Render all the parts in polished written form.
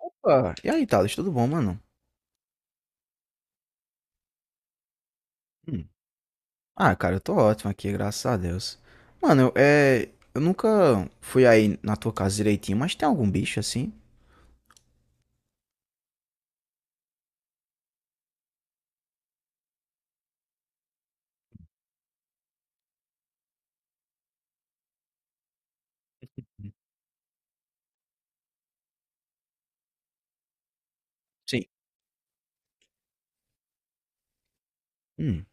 Opa, e aí, Thales, tudo bom, mano? Hum. Ah, cara, eu tô ótimo aqui, graças a Deus. Mano, eu nunca fui aí na tua casa direitinho, mas tem algum bicho assim? Sim. Hum.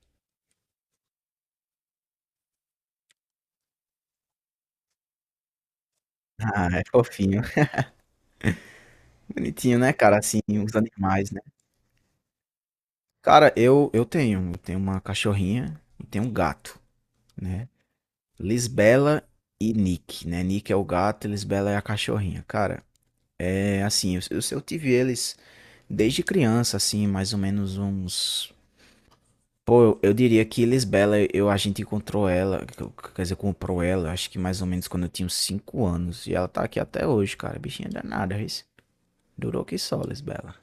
Ah, é fofinho. Bonitinho, né, cara? Assim, os animais, né? Cara, eu tenho. Eu tenho uma cachorrinha e tenho um gato, né? Lisbela e Nick, né? Nick é o gato, e Lisbela é a cachorrinha. Cara, é assim, eu tive eles desde criança, assim, mais ou menos uns. Pô, eu diria que Lisbela, a gente encontrou ela, quer dizer, comprou ela, acho que mais ou menos quando eu tinha uns 5 anos. E ela tá aqui até hoje, cara. Bichinha danada, isso. Durou que só, Lisbela.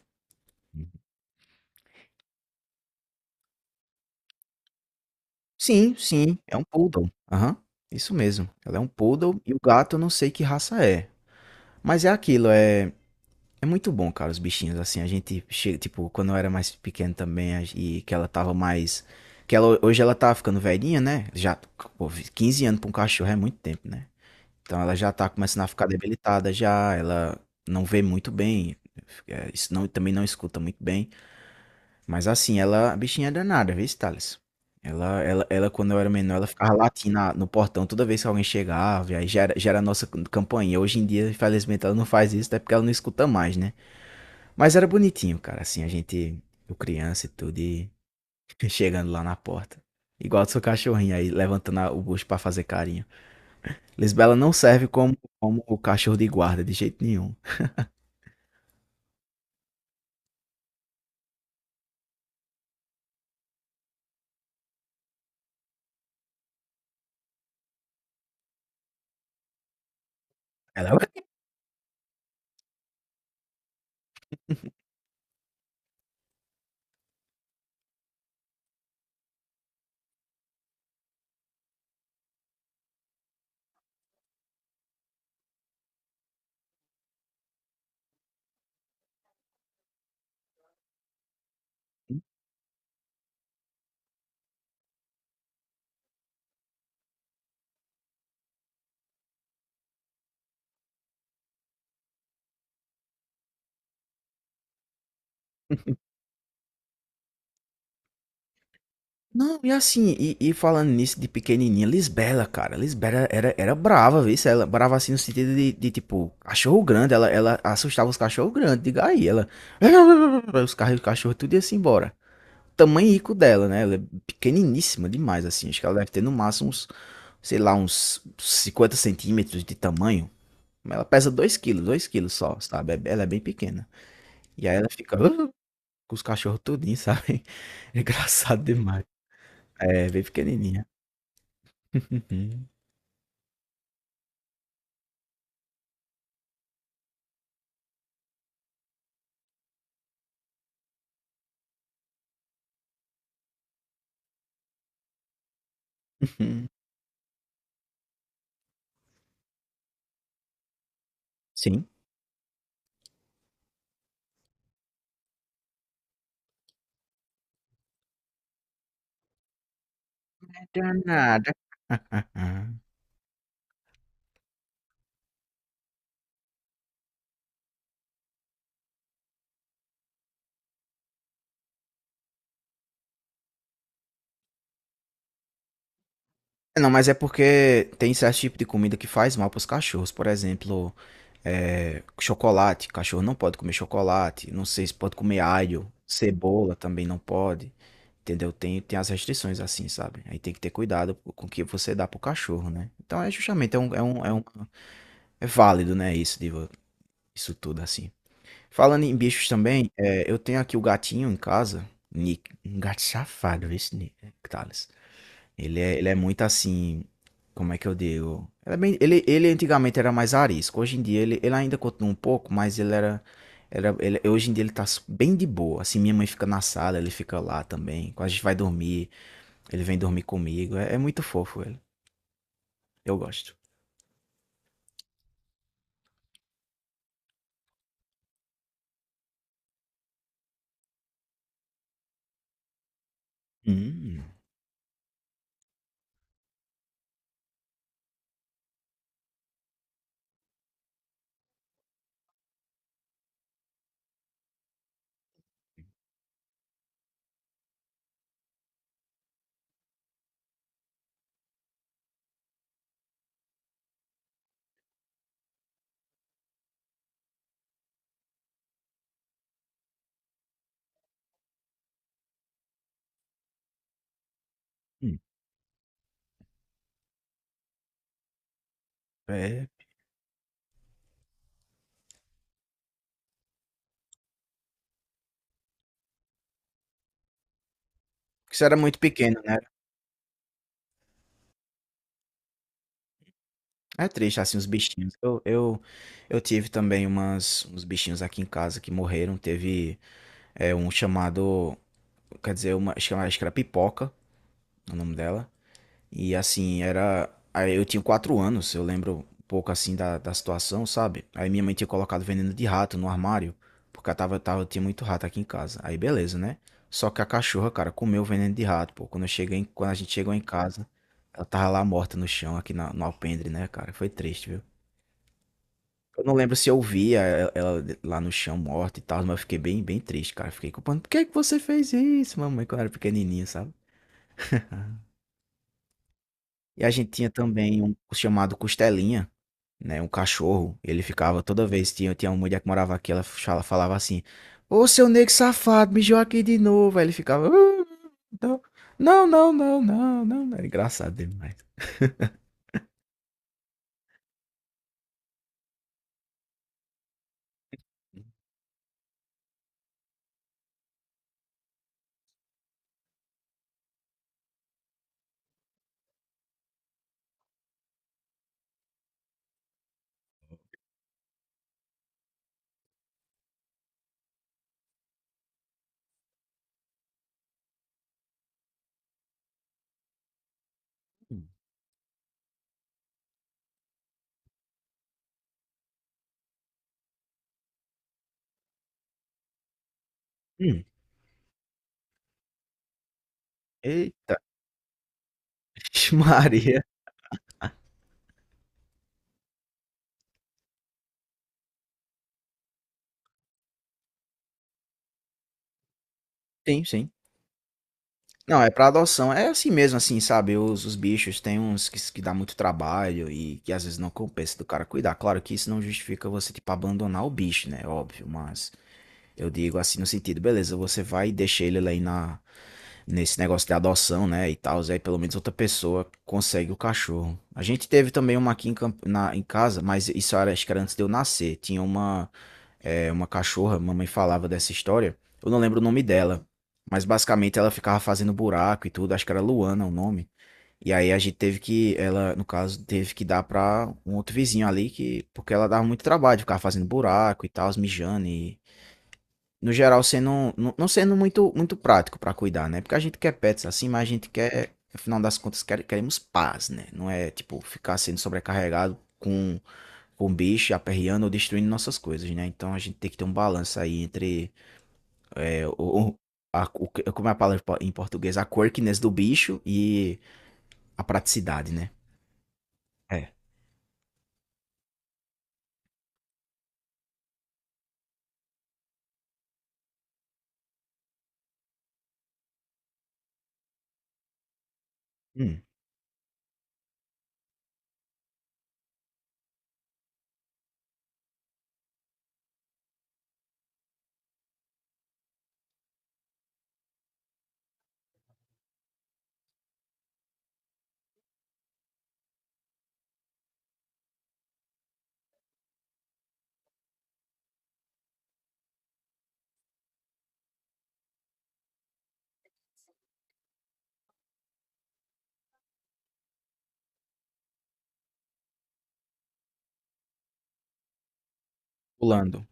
Sim, sim, é um poodle. Aham, isso mesmo. Ela é um poodle e o gato eu não sei que raça é. Mas é aquilo, é muito bom, cara, os bichinhos. Assim, a gente chega, tipo, quando eu era mais pequeno também e que ela tava mais. Que ela, hoje ela tá ficando velhinha, né? Já, pô, 15 anos pra um cachorro é muito tempo, né? Então ela já tá começando a ficar debilitada já, ela não vê muito bem, isso não, também não escuta muito bem. Mas assim, ela, a bichinha é danada, viu, Thales? Ela, quando eu era menor, ela ficava latindo no portão toda vez que alguém chegava, e aí já era a nossa campainha. Hoje em dia, infelizmente, ela não faz isso, até porque ela não escuta mais, né? Mas era bonitinho, cara, assim, a gente, eu criança e tudo, e chegando lá na porta. Igual do seu cachorrinho aí, levantando o bucho pra fazer carinho. Lisbela não serve como o cachorro de guarda, de jeito nenhum. Ela é. o- Não, e assim, e falando nisso de pequenininha, Lisbela, cara, Lisbela era brava, viu? Ela brava assim no sentido de tipo, cachorro grande, ela assustava os cachorros grandes, diga aí, os carros, os cachorros tudo ia-se embora. Tamanhico dela, né? Ela é pequeniníssima demais, assim. Acho que ela deve ter no máximo uns, sei lá, uns 50 centímetros de tamanho. Mas ela pesa 2 quilos, 2 quilos só, sabe? Ela é bem pequena. E aí ela fica "Ah", com os cachorros tudinho, sabe? É engraçado demais. É, bem pequenininha. Sim. É danada. Ah. É, não, mas é porque tem certo tipo de comida que faz mal para os cachorros. Por exemplo, chocolate. Cachorro não pode comer chocolate. Não sei se pode comer alho. Cebola também não pode. Entendeu? Tem as restrições assim, sabe? Aí tem que ter cuidado com o que você dá pro cachorro, né? Então é justamente, é válido, né? Isso, isso tudo assim. Falando em bichos também, eu tenho aqui o gatinho em casa. Nick, um gato safado, esse Nick, ele é muito assim. Como é que eu digo? Ele, é bem- ele antigamente era mais arisco. Hoje em dia ele ainda continua um pouco, mas ele era. Hoje em dia ele tá bem de boa. Assim, minha mãe fica na sala, ele fica lá também. Quando a gente vai dormir, ele vem dormir comigo. É muito fofo ele. Eu gosto. Hum, hum. É. Porque isso era muito pequeno, né? É triste, assim, os bichinhos. Eu tive também uns bichinhos aqui em casa que morreram. Teve um chamado. Quer dizer, uma, acho que era pipoca, o nome dela. E assim, era. Aí eu tinha 4 anos, eu lembro um pouco assim da situação, sabe? Aí minha mãe tinha colocado veneno de rato no armário, porque eu tinha muito rato aqui em casa. Aí beleza, né? Só que a cachorra, cara, comeu o veneno de rato, pô. Quando a gente chegou em casa, ela tava lá morta no chão, aqui no alpendre, né, cara? Foi triste, viu? Eu não lembro se eu via ela lá no chão morta e tal, mas eu fiquei bem, bem triste, cara. Fiquei culpando. Por que que você fez isso, mamãe, quando eu era pequenininho, sabe? E a gente tinha também um chamado Costelinha, né, um cachorro. Ele ficava toda vez, tinha uma mulher que morava aqui, ela falava assim: "Ô seu negro safado, mijou aqui de novo." Aí ele ficava: "Ah, não, não, não, não, não, não." Era engraçado demais. Hum, hum, eita, Maria. Sim, sim. Não, é pra adoção. É assim mesmo, assim, sabe? Os bichos tem uns que dá muito trabalho e que às vezes não compensa do cara cuidar. Claro que isso não justifica você, tipo, abandonar o bicho, né? Óbvio, mas eu digo assim no sentido, beleza, você vai e deixa ele lá aí nesse negócio de adoção, né? E tal, aí pelo menos outra pessoa consegue o cachorro. A gente teve também uma aqui em casa, mas isso era, acho que era antes de eu nascer. Tinha uma cachorra, mamãe falava dessa história. Eu não lembro o nome dela, mas basicamente ela ficava fazendo buraco e tudo, acho que era Luana o nome. E aí a gente teve que, ela, no caso, teve que dar pra um outro vizinho ali, que, porque ela dava muito trabalho, ficava fazendo buraco e tal, mijando e. No geral, sendo, não, não sendo muito, muito prático pra cuidar, né? Porque a gente quer pets assim, mas a gente quer, afinal das contas, queremos paz, né? Não é, tipo, ficar sendo sobrecarregado com bicho, aperreando ou destruindo nossas coisas, né? Então a gente tem que ter um balanço aí entre é, o, o- como é a palavra em português? A quirkiness do bicho e a praticidade, né? É. Hum, pulando.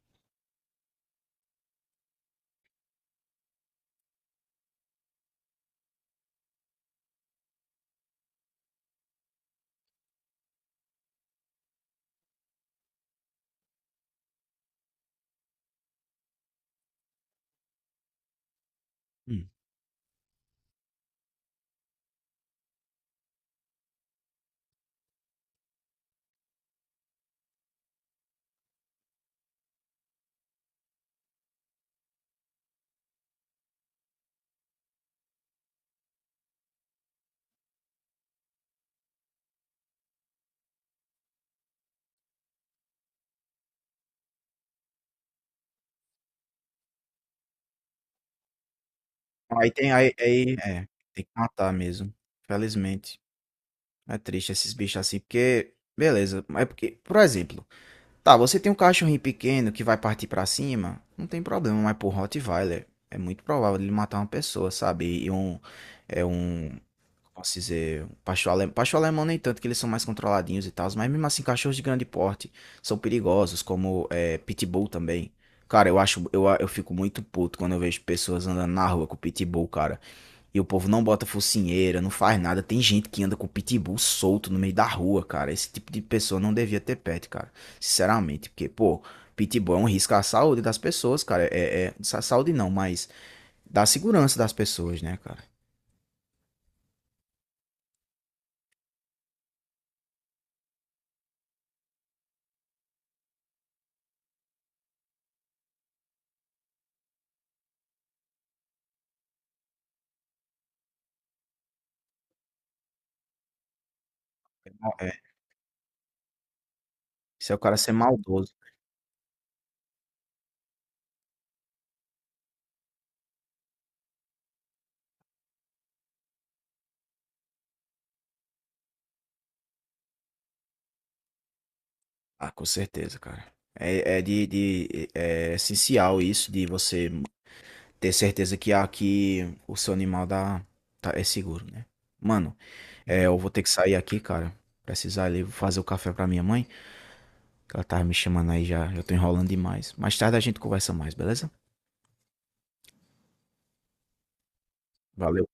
Hum. Aí tem, aí, aí, é, tem que matar mesmo. Felizmente. É triste esses bichos assim, porque, beleza, mas é porque, por exemplo, tá, você tem um cachorrinho pequeno que vai partir pra cima, não tem problema, mas pro Rottweiler é muito provável ele matar uma pessoa, sabe? É um, posso dizer, pastor alemão nem tanto, que eles são mais controladinhos e tal, mas mesmo assim, cachorros de grande porte são perigosos, como é, pitbull também. Cara, eu acho, eu fico muito puto quando eu vejo pessoas andando na rua com pitbull, cara. E o povo não bota focinheira, não faz nada. Tem gente que anda com pitbull solto no meio da rua, cara. Esse tipo de pessoa não devia ter pet, cara. Sinceramente, porque, pô, pitbull é um risco à saúde das pessoas, cara. Saúde não, mas da segurança das pessoas, né, cara? É, se é o cara ser maldoso. Ah, com certeza, cara. É essencial isso de você ter certeza que aqui o seu animal dá, tá, é seguro, né? Mano, eu vou ter que sair aqui, cara. Precisar ali fazer o café pra minha mãe, que ela tava me chamando aí já, eu tô enrolando demais. Mais tarde a gente conversa mais, beleza? Valeu.